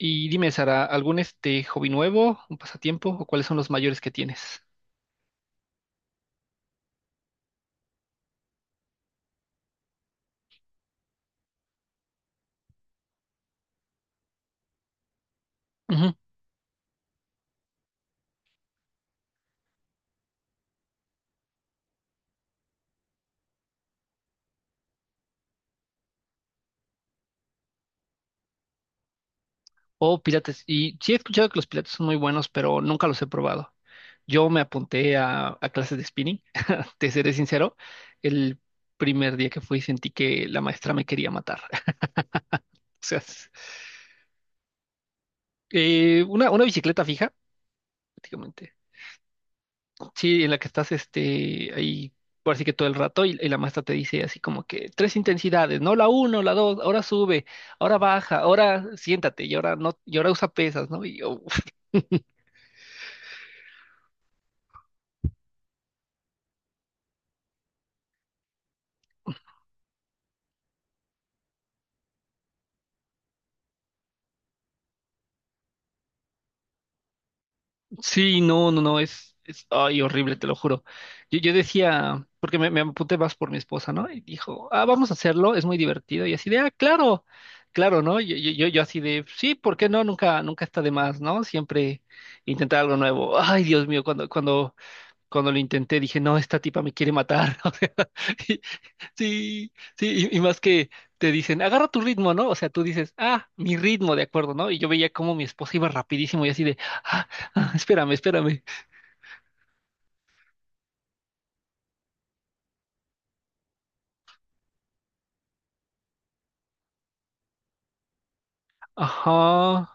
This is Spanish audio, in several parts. Y dime, Sara, ¿algún este hobby nuevo, un pasatiempo o cuáles son los mayores que tienes? Ujú. O pilates. Y sí he escuchado que los pilates son muy buenos, pero nunca los he probado. Yo me apunté a clases de spinning. Te seré sincero, el primer día que fui sentí que la maestra me quería matar. O sea, una bicicleta fija, prácticamente. Sí, en la que estás ahí, por así que todo el rato, y la maestra te dice así como que tres intensidades, no la uno, la dos, ahora sube, ahora baja, ahora siéntate, y ahora no, y ahora usa pesas, ¿no? Y yo, sí, no, no, no, es, ay, horrible, te lo juro. Yo decía, porque me apunté más por mi esposa, ¿no? Y dijo, ah, vamos a hacerlo, es muy divertido, y así de, ah, claro, claro, ¿no? Yo así de, sí, ¿por qué no? Nunca, nunca está de más, ¿no? Siempre intentar algo nuevo. Ay, Dios mío, cuando lo intenté dije, no, esta tipa me quiere matar. O sea, y- sí, sí, y más que te dicen, agarra tu ritmo, ¿no? O sea, tú dices, ah, mi ritmo, de acuerdo, ¿no? Y yo veía cómo mi esposa iba rapidísimo y así de, ah, ah, espérame, espérame. Ajá.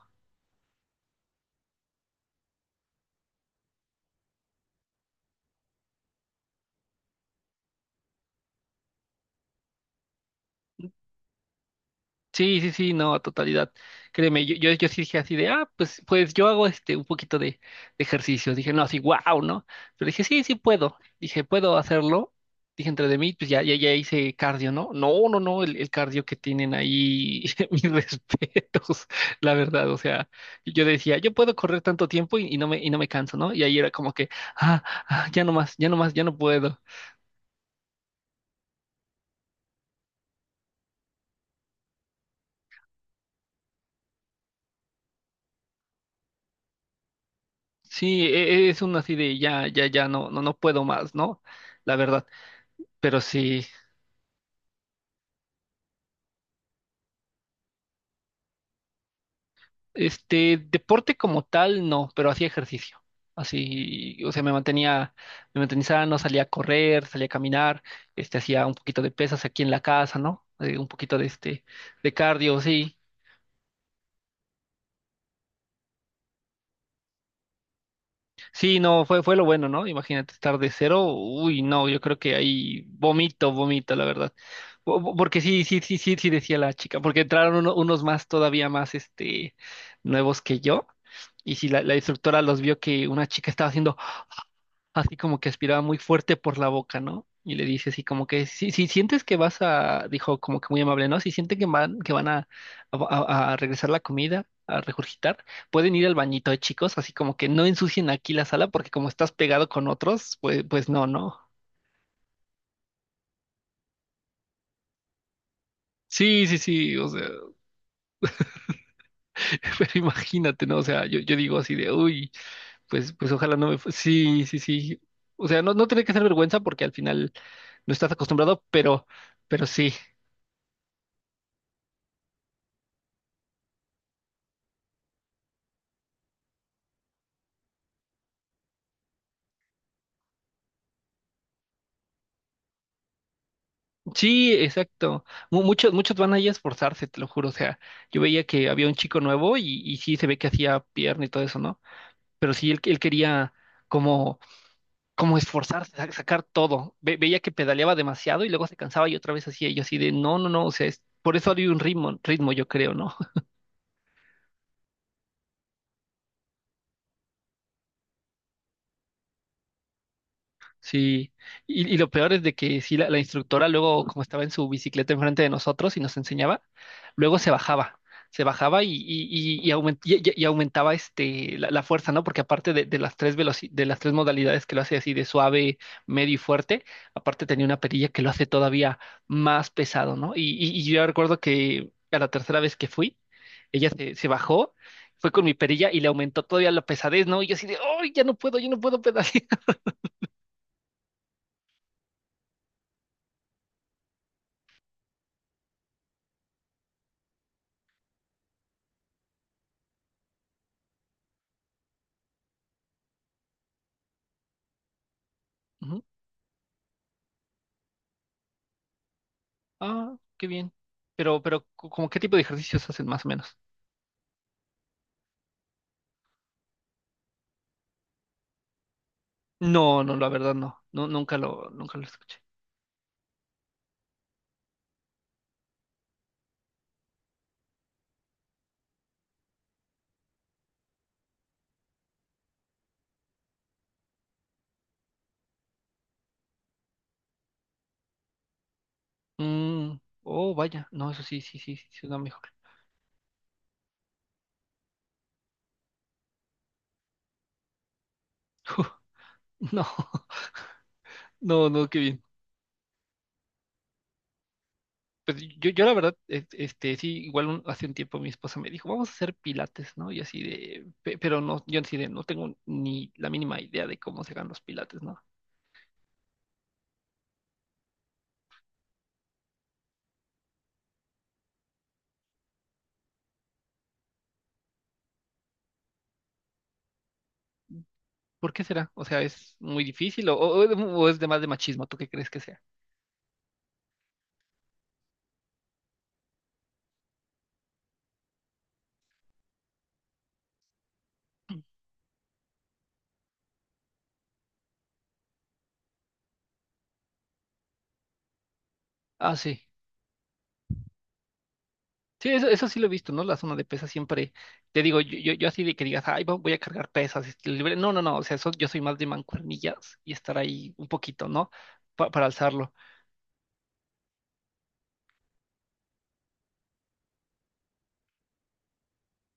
Sí, sí, sí, no, a totalidad. Créeme, yo sí dije así de, ah, pues yo hago este un poquito de ejercicio. Dije, no, así, wow, ¿no? Pero dije, sí, sí puedo. Dije, puedo hacerlo. Dije, entre de mí, pues ya, ya, ya hice cardio, ¿no? No, no, no, el cardio que tienen ahí, mis respetos, la verdad. O sea, yo decía, yo puedo correr tanto tiempo y y no me canso, ¿no? Y ahí era como que, ah, ah, ya no más, ya no más, ya no puedo. Sí, es un así de ya, ya, ya no, no, no puedo más, ¿no? La verdad. Pero sí, este deporte como tal, no, pero hacía ejercicio. Así, o sea, me mantenía sano, salía a correr, salía a caminar, hacía un poquito de pesas aquí en la casa, ¿no? Un poquito de cardio, sí. Sí, no, fue lo bueno, ¿no? Imagínate estar de cero. Uy, no, yo creo que ahí vomito, vomito, la verdad. Porque sí, sí, sí, sí, sí, decía la chica, porque entraron unos más, todavía más, nuevos que yo. Y si la instructora los vio que una chica estaba haciendo así como que aspiraba muy fuerte por la boca, ¿no? Y le dice así como que, si sientes que vas a, dijo como que muy amable, ¿no? Si sienten que van a, a- regresar la comida, a regurgitar, pueden ir al bañito, chicos, así como que no ensucien aquí la sala porque como estás pegado con otros, pues, no, no. Sí, sí, sí, o sea, pero imagínate, ¿no? O sea, yo digo así de, uy, pues ojalá no me... fu-". Sí, sí, sí. O sea, no, no tiene que ser vergüenza porque al final no estás acostumbrado, pero sí. Sí, exacto. Muchos, muchos van ahí a esforzarse, te lo juro. O sea, yo veía que había un chico nuevo y sí se ve que hacía pierna y todo eso, ¿no? Pero sí, él quería como como esforzarse, sacar todo. Veía que pedaleaba demasiado y luego se cansaba y otra vez hacía yo así de, no, no, no, o sea, por eso había un ritmo, ritmo, yo creo, ¿no? Sí, y lo peor es de que sí, la instructora luego, como estaba en su bicicleta enfrente de nosotros y nos enseñaba, luego se bajaba y aumentaba la fuerza, ¿no? Porque aparte de las tres modalidades que lo hace así de suave, medio y fuerte, aparte tenía una perilla que lo hace todavía más pesado, ¿no? Y yo recuerdo que a la tercera vez que fui, ella se bajó, fue con mi perilla y le aumentó todavía la pesadez, ¿no? Y yo así de, ¡ay, ya no puedo, yo no puedo pedalear! Ah, qué bien. Pero, ¿cómo qué tipo de ejercicios hacen más o menos? No, no, la verdad no. No, nunca lo escuché. Mm, oh, vaya. No, eso sí, sí, sí, sí, sí suena mejor. No, no, no, qué bien. Pues yo la verdad, sí, igual hace un tiempo mi esposa me dijo, vamos a hacer pilates, ¿no? Y así de, pero no, yo así de, no tengo ni la mínima idea de cómo se hagan los pilates, ¿no? ¿Por qué será? O sea, ¿es muy difícil o es de más de machismo? ¿Tú qué crees que sea? Ah, sí. Sí, eso sí lo he visto, ¿no? La zona de pesas siempre, te digo, yo así de que digas, ay, voy a cargar pesas, libre. No, no, no, o sea, yo soy más de mancuernillas y estar ahí un poquito, ¿no? Para alzarlo.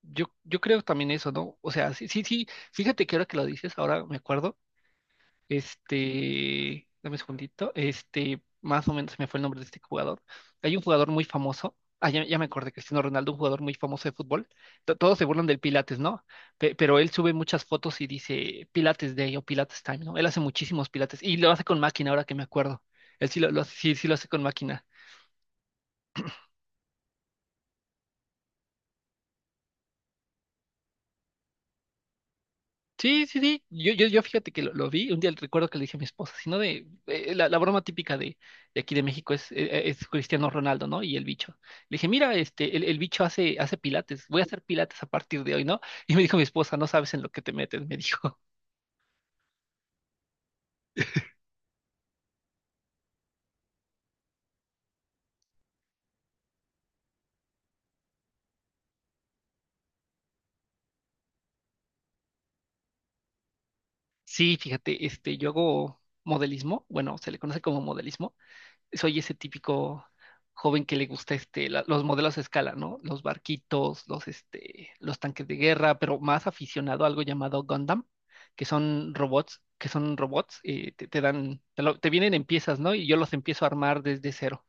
Yo creo también eso, ¿no? O sea, sí, sí, sí, fíjate que ahora que lo dices, ahora me acuerdo. Dame un segundito. Más o menos se me fue el nombre de este jugador. Hay un jugador muy famoso. Ah, ya, ya me acordé, Cristiano Ronaldo, un jugador muy famoso de fútbol. Todos se burlan del Pilates, ¿no? Pero él sube muchas fotos y dice Pilates Day o Pilates Time, ¿no? Él hace muchísimos Pilates y lo hace con máquina, ahora que me acuerdo. Él sí lo hace con máquina. Sí, sí, sí. Yo fíjate que lo vi. Un día recuerdo que le dije a mi esposa, sino de la broma típica de aquí de México es Cristiano Ronaldo, ¿no? Y el bicho. Le dije, mira, el bicho hace pilates, voy a hacer pilates a partir de hoy, ¿no? Y me dijo mi esposa, no sabes en lo que te metes, me dijo. Sí, fíjate, yo hago modelismo, bueno, se le conoce como modelismo. Soy ese típico joven que le gusta los modelos a escala, ¿no? Los barquitos, los tanques de guerra, pero más aficionado a algo llamado Gundam, que son robots, te dan, te vienen en piezas, ¿no? Y yo los empiezo a armar desde cero.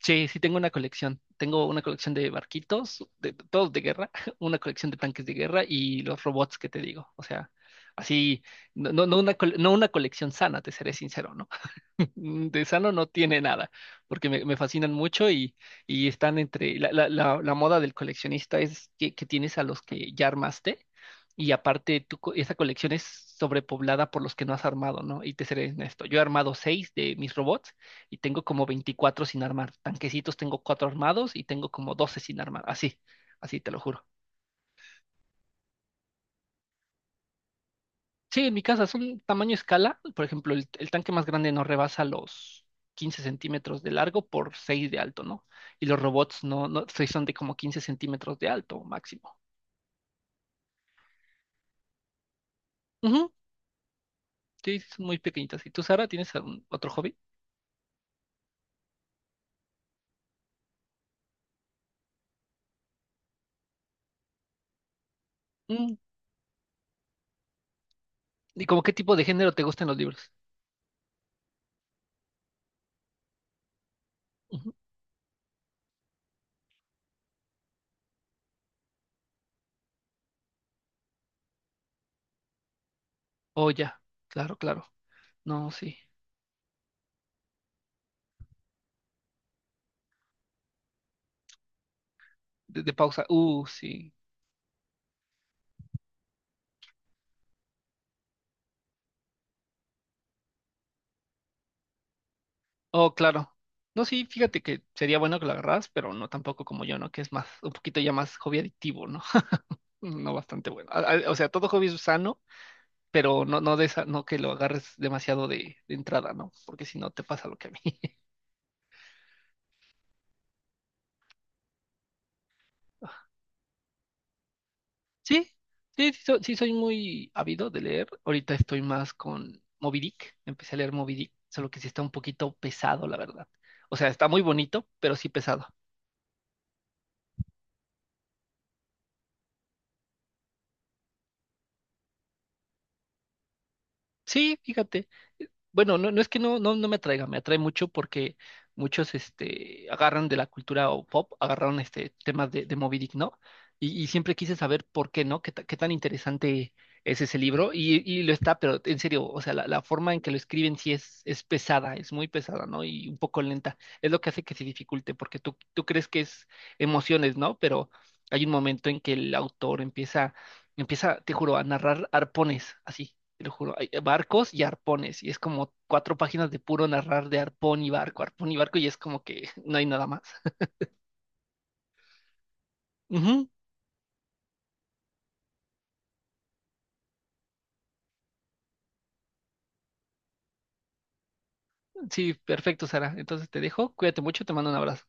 Sí, sí tengo una colección. Tengo una colección de barquitos, todos de guerra, una colección de tanques de guerra y los robots que te digo. O sea, así, no, no, no una, col- no una colección sana, te seré sincero, ¿no? De sano no tiene nada, porque me fascinan mucho y están entre la moda del coleccionista es que tienes a los que ya armaste y aparte esa colección es sobrepoblada por los que no has armado, ¿no? Y te seré honesto, yo he armado seis de mis robots y tengo como 24 sin armar, tanquecitos tengo cuatro armados y tengo como 12 sin armar, así, así te lo juro. Sí, en mi casa son tamaño escala. Por ejemplo, el tanque más grande no rebasa los 15 centímetros de largo por 6 de alto, ¿no? Y los robots no, no sí son de como 15 centímetros de alto máximo. Ujú, sí, son muy pequeñitas. ¿Y tú, Sara, tienes algún otro hobby? Mm, ¿Y como qué tipo de género te gustan los libros? Ujú. Oh, ya. Claro, claro. No, sí. De pausa. Sí. Oh, claro. No, sí, fíjate que sería bueno que lo agarras, pero no tampoco como yo, ¿no? Que es más, un poquito ya más hobby adictivo, ¿no? No bastante bueno. O sea, todo hobby es sano, pero no, no de esa, no que lo agarres demasiado de entrada, ¿no? Porque si no te pasa lo que a mí. Sí, sí, sí, sí soy muy ávido de leer. Ahorita estoy más con Moby Dick. Empecé a leer Moby Dick, solo que sí está un poquito pesado, la verdad. O sea, está muy bonito, pero sí pesado. Sí, fíjate. Bueno, no, no es que no, no, no me atraiga, me atrae mucho porque muchos agarran de la cultura o pop, agarraron temas de Moby Dick, ¿no? Y siempre quise saber por qué, ¿no? Qué tan interesante es ese libro? Y lo está, pero en serio, o sea, la forma en que lo escriben sí es, pesada, es muy pesada, ¿no? Y un poco lenta. Es lo que hace que se dificulte, porque tú crees que es emociones, ¿no? Pero hay un momento en que el autor empieza, empieza, te juro, a narrar arpones así te lo juro, hay barcos y arpones, y es como cuatro páginas de puro narrar de arpón y barco, y es como que no hay nada más. Ujú, sí, perfecto, Sara. Entonces te dejo, cuídate mucho, te mando un abrazo.